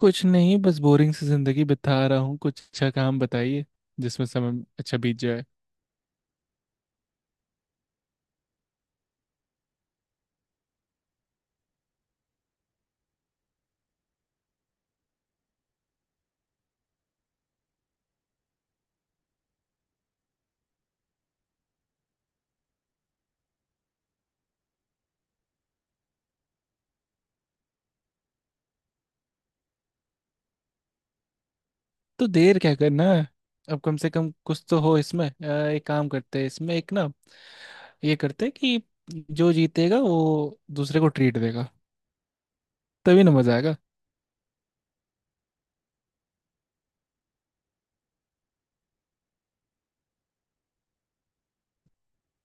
कुछ नहीं बस बोरिंग सी जिंदगी बिता रहा हूँ। कुछ अच्छा काम बताइए जिसमें समय अच्छा बीत जाए। तो देर क्या करना है। अब कम से कम कुछ तो हो इसमें। एक काम करते हैं इसमें एक ना, ये करते हैं कि जो जीतेगा वो दूसरे को ट्रीट देगा। तभी ना मजा आएगा।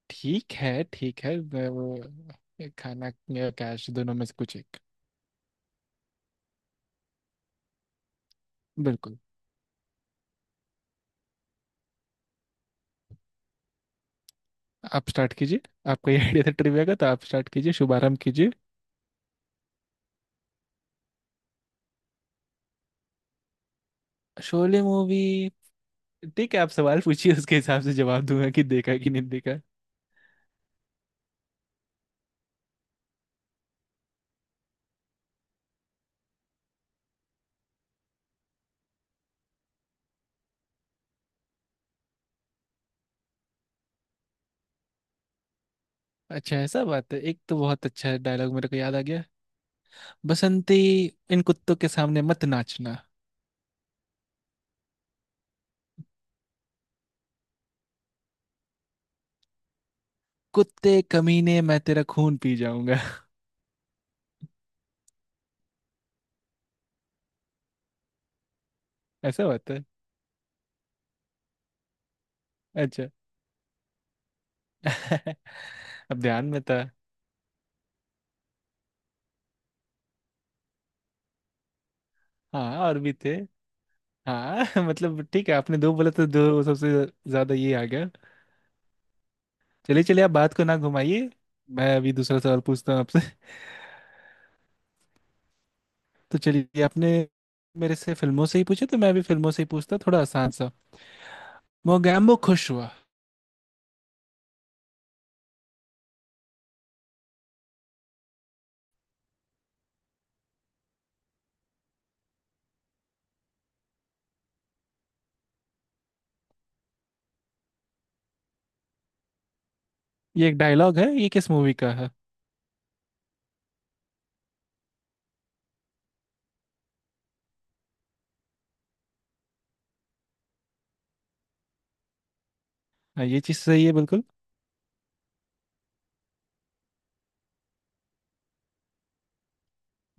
ठीक है ठीक है, मैं वो एक खाना या कैश दोनों में से कुछ एक। बिल्कुल। आप स्टार्ट कीजिए। आपका ये आइडिया था ट्रिविया का, तो आप स्टार्ट कीजिए, शुभारंभ कीजिए। शोले मूवी। ठीक है, आप सवाल पूछिए उसके हिसाब से जवाब दूंगा कि देखा है कि नहीं देखा। अच्छा, ऐसा बात है, एक तो बहुत अच्छा डायलॉग मेरे को याद आ गया। बसंती, इन कुत्तों के सामने मत नाचना। कुत्ते कमीने मैं तेरा खून पी जाऊंगा। ऐसा बात है। अच्छा। अब ध्यान में था। हाँ, और भी थे। हाँ, मतलब ठीक है, आपने दो बोला तो दो सबसे ज्यादा ये आ गया। चलिए चलिए, आप बात को ना घुमाइए। मैं अभी दूसरा सवाल पूछता हूँ आपसे। तो चलिए, आपने मेरे से फिल्मों से ही पूछे तो मैं भी फिल्मों से ही पूछता थोड़ा आसान सा। मोगैम्बो खुश हुआ। ये एक डायलॉग है, ये किस मूवी का है। हाँ, ये चीज सही है बिल्कुल।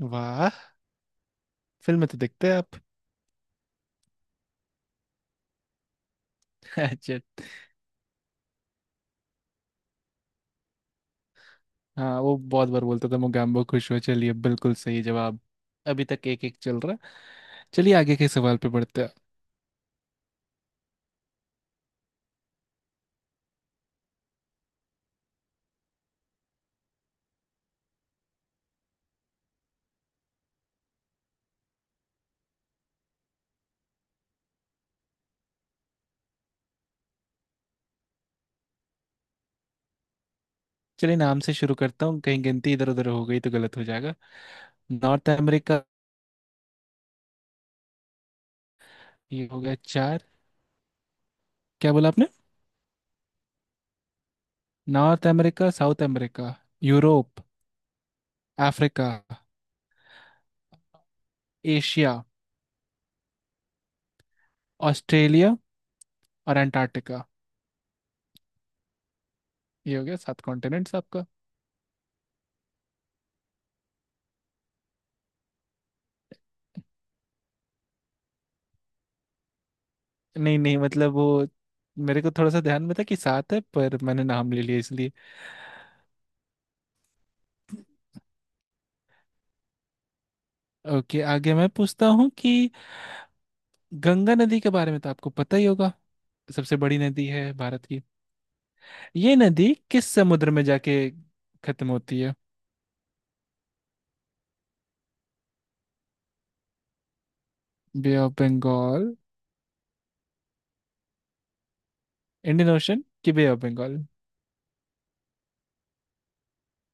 वाह। फिल्म में तो देखते हैं आप। अच्छा। हाँ, वो बहुत बार बोलता था मोगैम्बो खुश हुआ। चलिए, बिल्कुल सही जवाब। अभी तक एक एक चल रहा। चलिए, आगे के सवाल पे बढ़ते हैं। चलिए, नाम से शुरू करता हूँ, कहीं गिनती इधर उधर हो गई तो गलत हो जाएगा। North America. ये हो गया चार। क्या बोला आपने? North America, South America, Europe, Africa, Asia, Australia और अंटार्कटिका। ये हो गया सात कॉन्टिनेंट्स आपका। नहीं नहीं, मतलब वो मेरे को थोड़ा सा ध्यान में था कि सात है पर मैंने नाम ले लिया इसलिए। ओके, आगे मैं पूछता हूँ कि गंगा नदी के बारे में तो आपको पता ही होगा, सबसे बड़ी नदी है भारत की। ये नदी किस समुद्र में जाके खत्म होती है? Bay of Bengal, Indian ocean कि बे ऑफ बंगाल?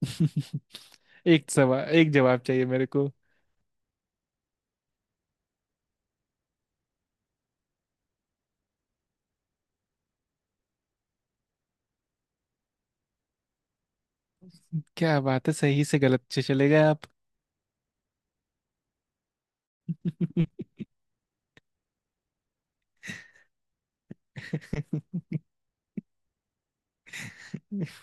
एक सवाल एक जवाब चाहिए मेरे को। क्या बात है, सही से गलत से चले गए आप।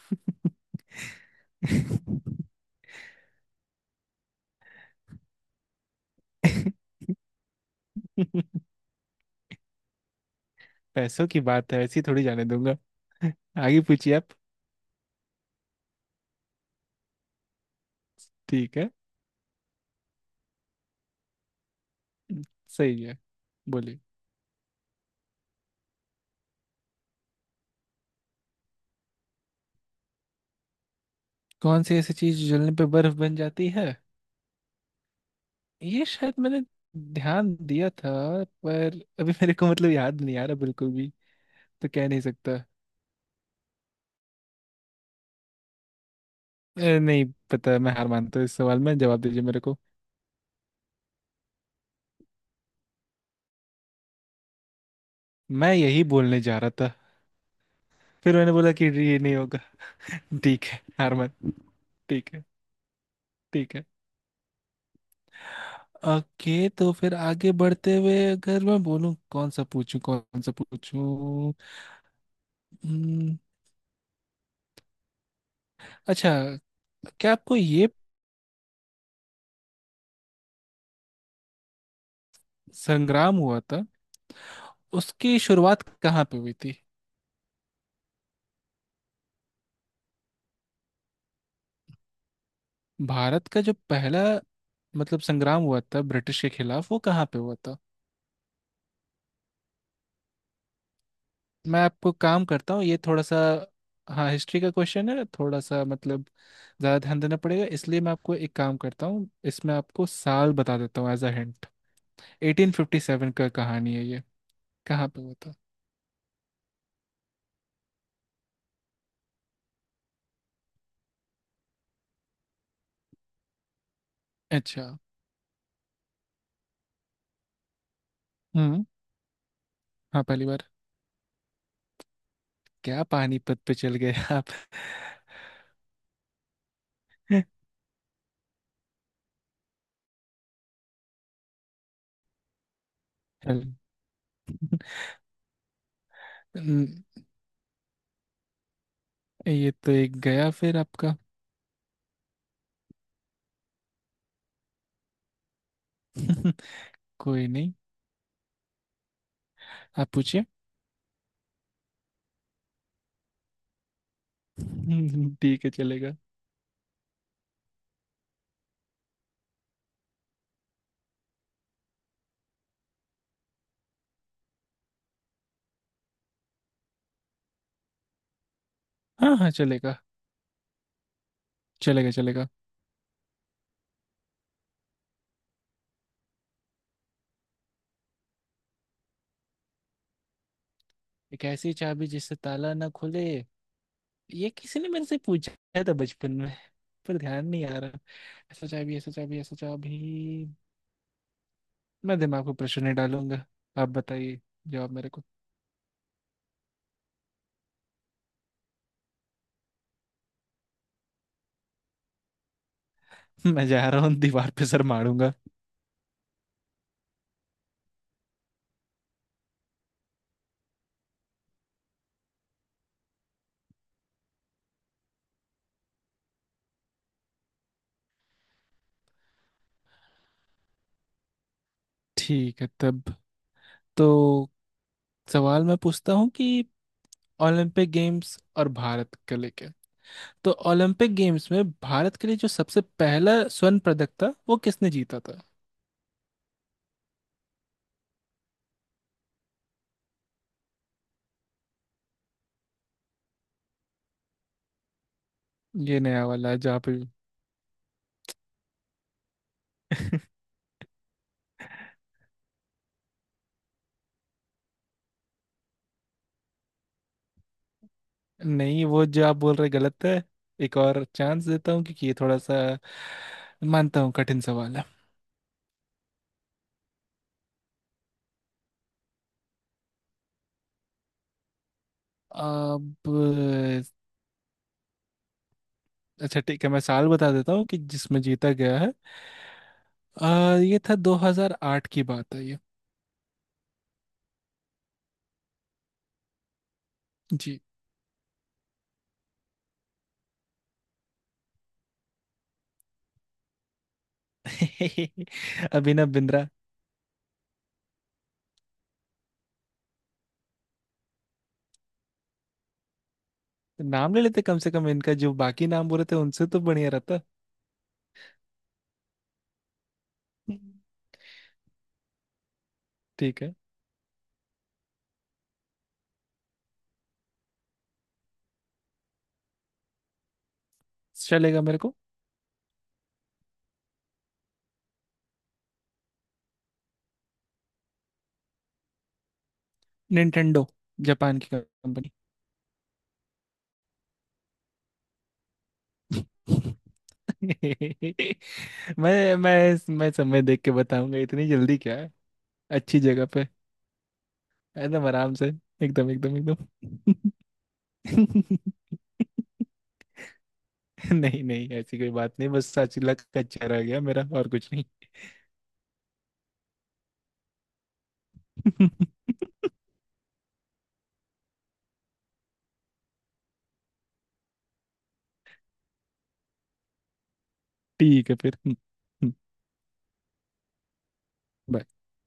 पैसों की बात है, ऐसी थोड़ी जाने दूंगा। आगे पूछिए आप। ठीक है। सही है। बोलिए। कौन सी ऐसी चीज जलने पे बर्फ बन जाती है? ये शायद मैंने ध्यान दिया था पर अभी मेरे को मतलब याद नहीं आ रहा बिल्कुल भी। तो कह नहीं सकता। नहीं पता, मैं हार मानता हूँ इस सवाल में, जवाब दीजिए मेरे को। मैं यही बोलने जा रहा था, फिर मैंने बोला कि ये नहीं होगा। ठीक है हार मान। ठीक है। ठीक है। ओके, तो फिर आगे बढ़ते हुए अगर मैं बोलूं, कौन सा पूछूं कौन सा पूछूं। हम्म, अच्छा। क्या आपको ये संग्राम हुआ था, उसकी शुरुआत कहाँ पे हुई थी? भारत का जो पहला मतलब संग्राम हुआ था ब्रिटिश के खिलाफ वो कहाँ पे हुआ था? मैं आपको काम करता हूँ ये थोड़ा सा। हाँ हिस्ट्री का क्वेश्चन है थोड़ा सा, मतलब ज़्यादा ध्यान देना पड़ेगा, इसलिए मैं आपको एक काम करता हूँ इसमें, आपको साल बता देता हूँ एज अ हिंट। 1857 का कहानी है ये, कहाँ पे होता? अच्छा। हम्म। हाँ पहली बार। क्या पानीपत पे चल गए आप? चल, न-, ये तो एक गया फिर आपका। कोई नहीं, आप पूछिए। ठीक है चलेगा। हाँ हाँ चलेगा। चलेगा चलेगा। एक ऐसी चाबी जिससे ताला ना खुले? ये किसी ने मेरे से पूछा था बचपन में पर ध्यान नहीं आ रहा। ऐसा चाबी ऐसा चाबी ऐसा चाबी, मैं दिमाग को प्रश्न नहीं डालूंगा। आप बताइए जवाब मेरे को। मैं जा रहा हूँ दीवार पे सर मारूंगा। ठीक है तब, तो सवाल मैं पूछता हूँ कि ओलंपिक गेम्स और भारत के लेके, तो ओलंपिक गेम्स में भारत के लिए जो सबसे पहला स्वर्ण पदक था वो किसने जीता था? ये नया वाला है जो आप। नहीं, वो जो आप बोल रहे गलत है। एक और चांस देता हूँ क्योंकि ये थोड़ा सा मानता हूँ कठिन सवाल है। अब अच्छा ठीक है, मैं साल बता देता हूँ कि जिसमें जीता गया है। ये था 2008 की बात है ये। जी। अभिनव बिंद्रा। नाम ले लेते कम से कम, इनका जो बाकी नाम बोले थे उनसे तो बढ़िया रहता। ठीक है, चलेगा मेरे को। निंटेंडो, जापान की कंपनी। मैं समय देख के बताऊंगा, इतनी जल्दी क्या है। अच्छी जगह पे, एकदम आराम से, एकदम एकदम एकदम। नहीं नहीं ऐसी कोई बात नहीं, बस सच लग कच्चा रह गया मेरा और कुछ नहीं। ठीक है फिर। बाय।